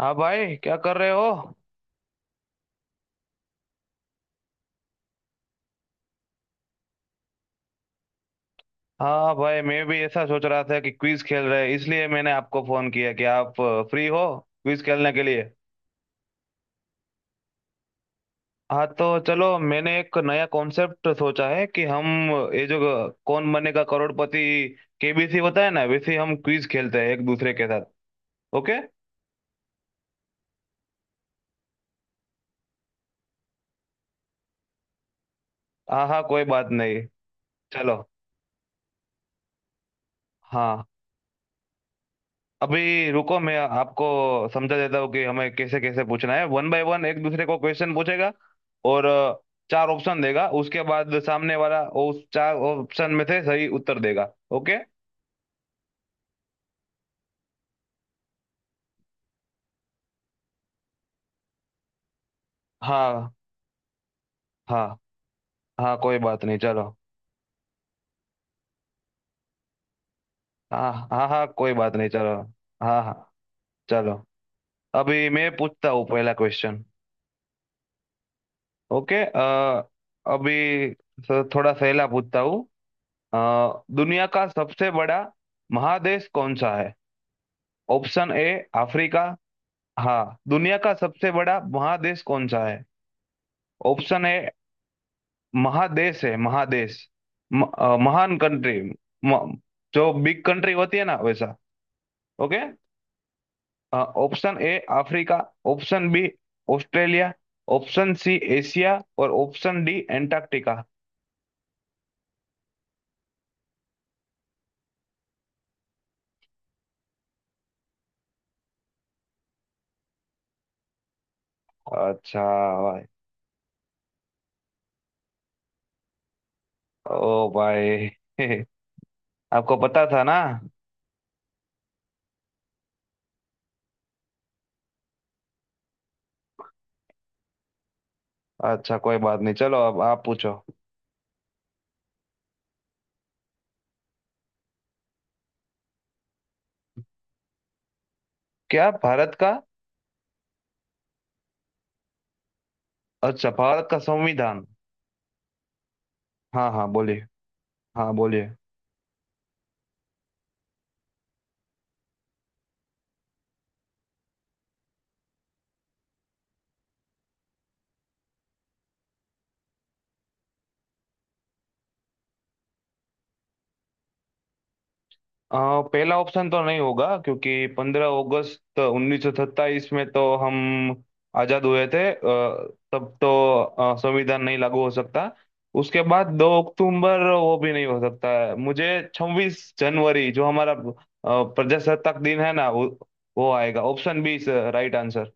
हाँ भाई, क्या कर रहे हो। हाँ भाई, मैं भी ऐसा सोच रहा था कि क्विज खेल रहे हैं, इसलिए मैंने आपको फोन किया कि आप फ्री हो क्विज खेलने के लिए। हाँ तो चलो, मैंने एक नया कॉन्सेप्ट सोचा है कि हम ये जो कौन बनेगा करोड़पति केबीसी होता है ना, वैसे हम क्विज खेलते हैं एक दूसरे के साथ। ओके। हाँ हाँ, कोई बात नहीं, चलो। हाँ, अभी रुको, मैं आपको समझा देता हूँ कि हमें कैसे कैसे पूछना है। वन बाय वन एक दूसरे को क्वेश्चन पूछेगा और चार ऑप्शन देगा, उसके बाद सामने वाला उस चार ऑप्शन में से सही उत्तर देगा। ओके। हाँ हाँ हाँ, कोई बात नहीं, चलो। हाँ हाँ हाँ, कोई बात नहीं, चलो। हाँ हाँ, चलो। अभी मैं पूछता हूँ पहला क्वेश्चन। ओके। अभी थोड़ा सहेला पूछता हूँ। दुनिया का सबसे बड़ा महादेश कौन सा है। Option A Africa. हाँ, दुनिया का सबसे बड़ा महादेश कौन सा है। Option A. महादेश है, महादेश। महान कंट्री। म, जो बिग कंट्री होती है ना, वैसा। Okay. Option A Africa, option B Australia, option C Asia और ऑप्शन डी एंटार्क्टिका। अच्छा। भाई। ओ भाई। आपको पता था ना। अच्छा, कोई बात नहीं, चलो अब आप पूछो। क्या, भारत का? अच्छा, भारत का संविधान। हाँ हाँ बोलिए। हाँ बोलिए। अ, पहला ऑप्शन तो नहीं होगा, क्योंकि पंद्रह अगस्त उन्नीस सौ सत्ताईस में तो हम आजाद हुए थे। तब तो संविधान नहीं लागू हो सकता। उसके बाद दो अक्टूबर, वो भी नहीं हो सकता है मुझे। छब्बीस जनवरी जो हमारा प्रजासत्ताक दिन है ना, वो आएगा। Option B is right answer.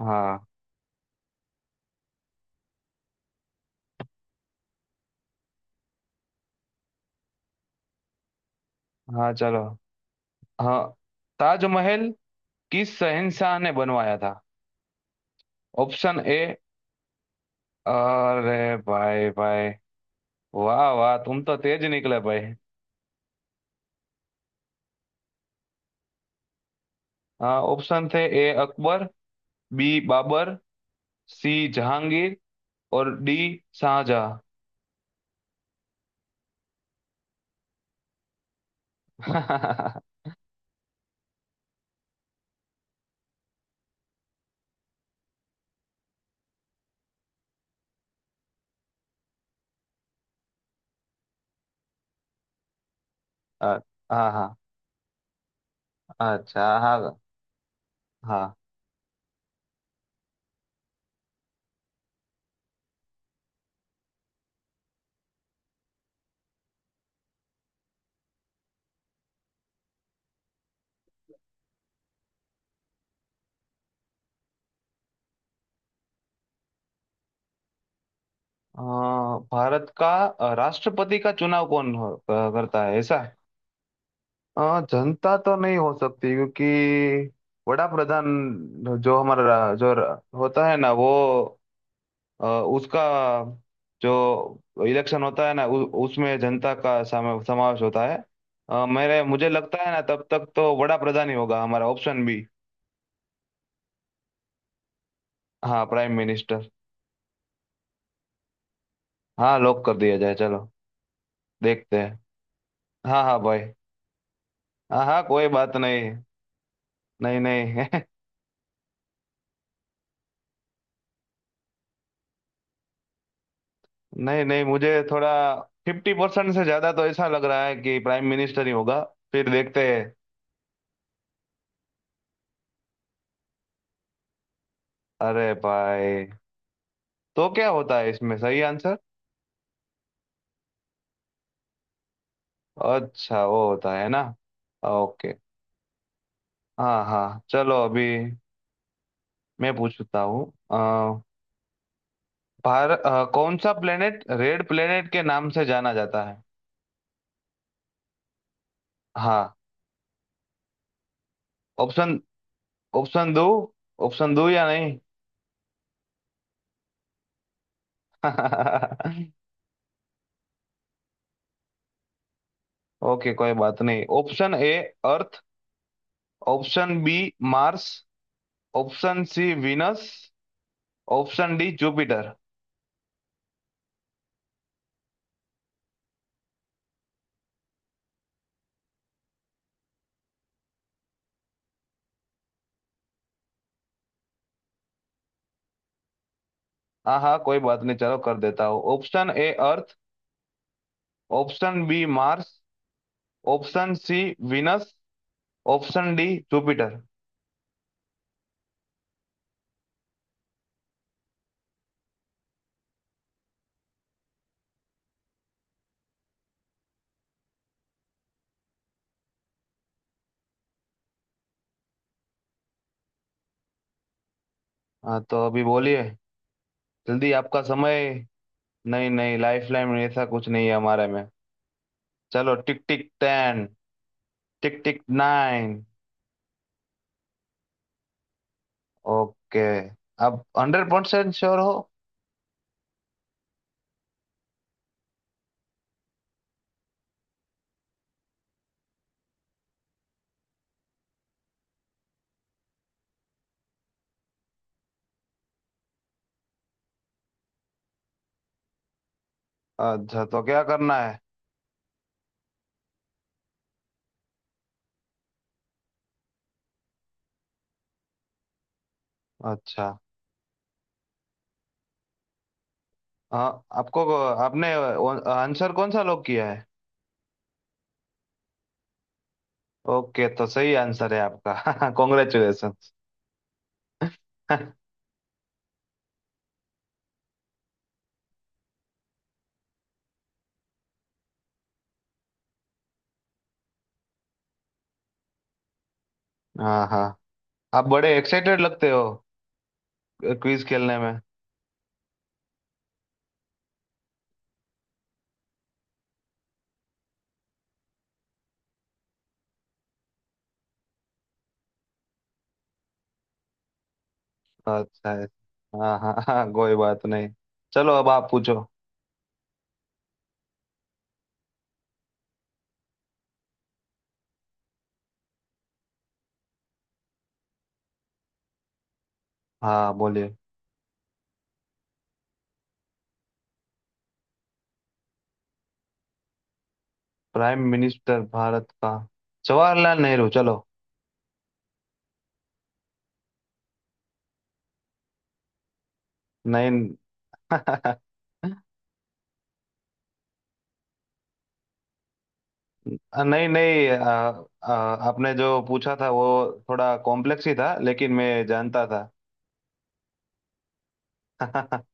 हाँ हाँ चलो। हाँ। ताजमहल किस शहंशाह ने बनवाया था। Option A. अरे भाई भाई, वाह वाह, तुम तो तेज निकले भाई। हाँ, ऑप्शन थे, A Akbar, B Babar, C Jahangir और डी शाहजहां। अ- हाँ हाँ, अच्छा हाँ। हाँ। अ, भारत का राष्ट्रपति का चुनाव कौन करता है, ऐसा। जनता तो नहीं हो सकती, क्योंकि बड़ा प्रधान जो हमारा जो होता है ना, वो उसका जो इलेक्शन होता है ना, उसमें जनता का समावेश होता है। अ, मेरे मुझे लगता है ना, तब तक तो बड़ा प्रधान ही होगा हमारा। Option B. हाँ, प्राइम मिनिस्टर। हाँ, लॉक कर दिया जाए, चलो देखते हैं। हाँ हाँ भाई। हाँ हाँ, कोई बात नहीं। नहीं नहीं। नहीं नहीं, मुझे थोड़ा फिफ्टी परसेंट से ज्यादा तो ऐसा लग रहा है कि प्राइम मिनिस्टर ही होगा। फिर देखते हैं। अरे भाई, तो क्या होता है इसमें सही आंसर? अच्छा, वो होता है ना। ओके। हाँ हाँ, चलो अभी मैं पूछता हूँ। भारत, कौन सा प्लेनेट रेड प्लेनेट के नाम से जाना जाता है। हाँ। ऑप्शन, ऑप्शन दो। ऑप्शन दो या नहीं। ओके, कोई बात नहीं। Option A earth, option B Mars, option C Venus, option D Jupiter. हाँ हाँ, कोई बात नहीं, चलो कर देता हूँ। Option A earth, option B Mars, option C Venus, option D Jupiter. हाँ तो अभी बोलिए, जल्दी, आपका समय। नहीं नहीं, लाइफ लाइन ऐसा कुछ नहीं है हमारे में। चलो tick tick ten, tick tick nine. Okay, अब हंड्रेड परसेंट श्योर हो? अच्छा, तो क्या करना है? अच्छा हाँ। आपको, आपने आंसर कौन सा लॉक किया है? ओके, तो सही आंसर है आपका। कॉन्ग्रेचुलेशन। हाँ हाँ, आप बड़े एक्साइटेड लगते हो क्विज खेलने में। अच्छा है। हाँ हाँ हाँ, कोई बात नहीं, चलो अब आप पूछो। हाँ बोलिए। प्राइम मिनिस्टर भारत का जवाहरलाल नेहरू, चलो। नई। नहीं नहीं। आ, आ, आपने जो पूछा था, वो थोड़ा कॉम्प्लेक्स ही था, लेकिन मैं जानता था।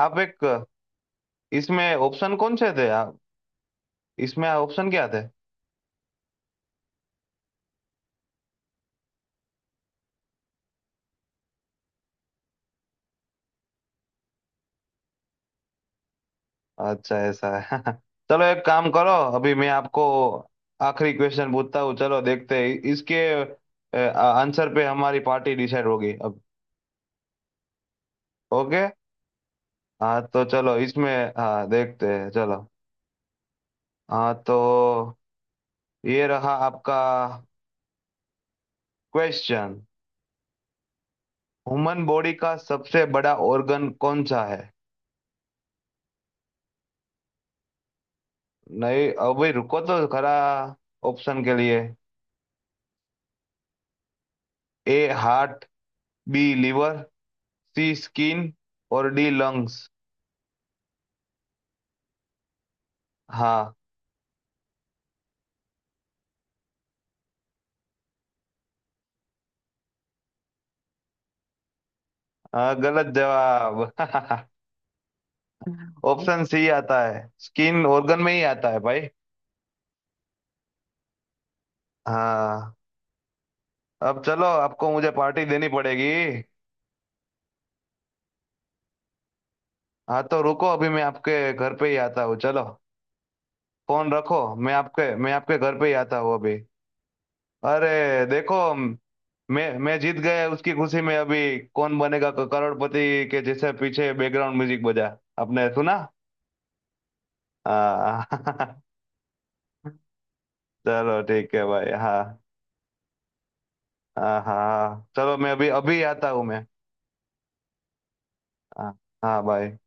आप एक इसमें ऑप्शन कौन से थे आप, इसमें ऑप्शन क्या थे? अच्छा, ऐसा है। चलो, एक काम करो, अभी मैं आपको आखिरी क्वेश्चन पूछता हूँ। चलो देखते हैं, इसके आंसर पे हमारी पार्टी डिसाइड होगी अब। ओके। हाँ तो चलो इसमें। हाँ देखते हैं, चलो। हाँ तो ये रहा आपका क्वेश्चन। ह्यूमन बॉडी का सबसे बड़ा ऑर्गन कौन सा है? नहीं, अभी रुको तो खरा, ऑप्शन के लिए, A heart, B liver, C skin और डी लंग्स। हाँ। हाँ, गलत जवाब। ऑप्शन सी आता है, स्किन ऑर्गन में ही आता है भाई। हाँ, अब चलो आपको मुझे पार्टी देनी पड़ेगी। हाँ तो रुको, अभी मैं आपके घर पे ही आता हूँ, चलो। फोन रखो, मैं आपके घर पे ही आता हूँ अभी। अरे देखो, मैं जीत गया उसकी खुशी में अभी कौन बनेगा करोड़पति के जैसे पीछे बैकग्राउंड म्यूजिक बजा, आपने सुना। हाँ। चलो ठीक है भाई। हाँ। हाँ हाँ हाँ। चलो मैं अभी अभी आता हूँ मैं। हाँ। हाँ भाई।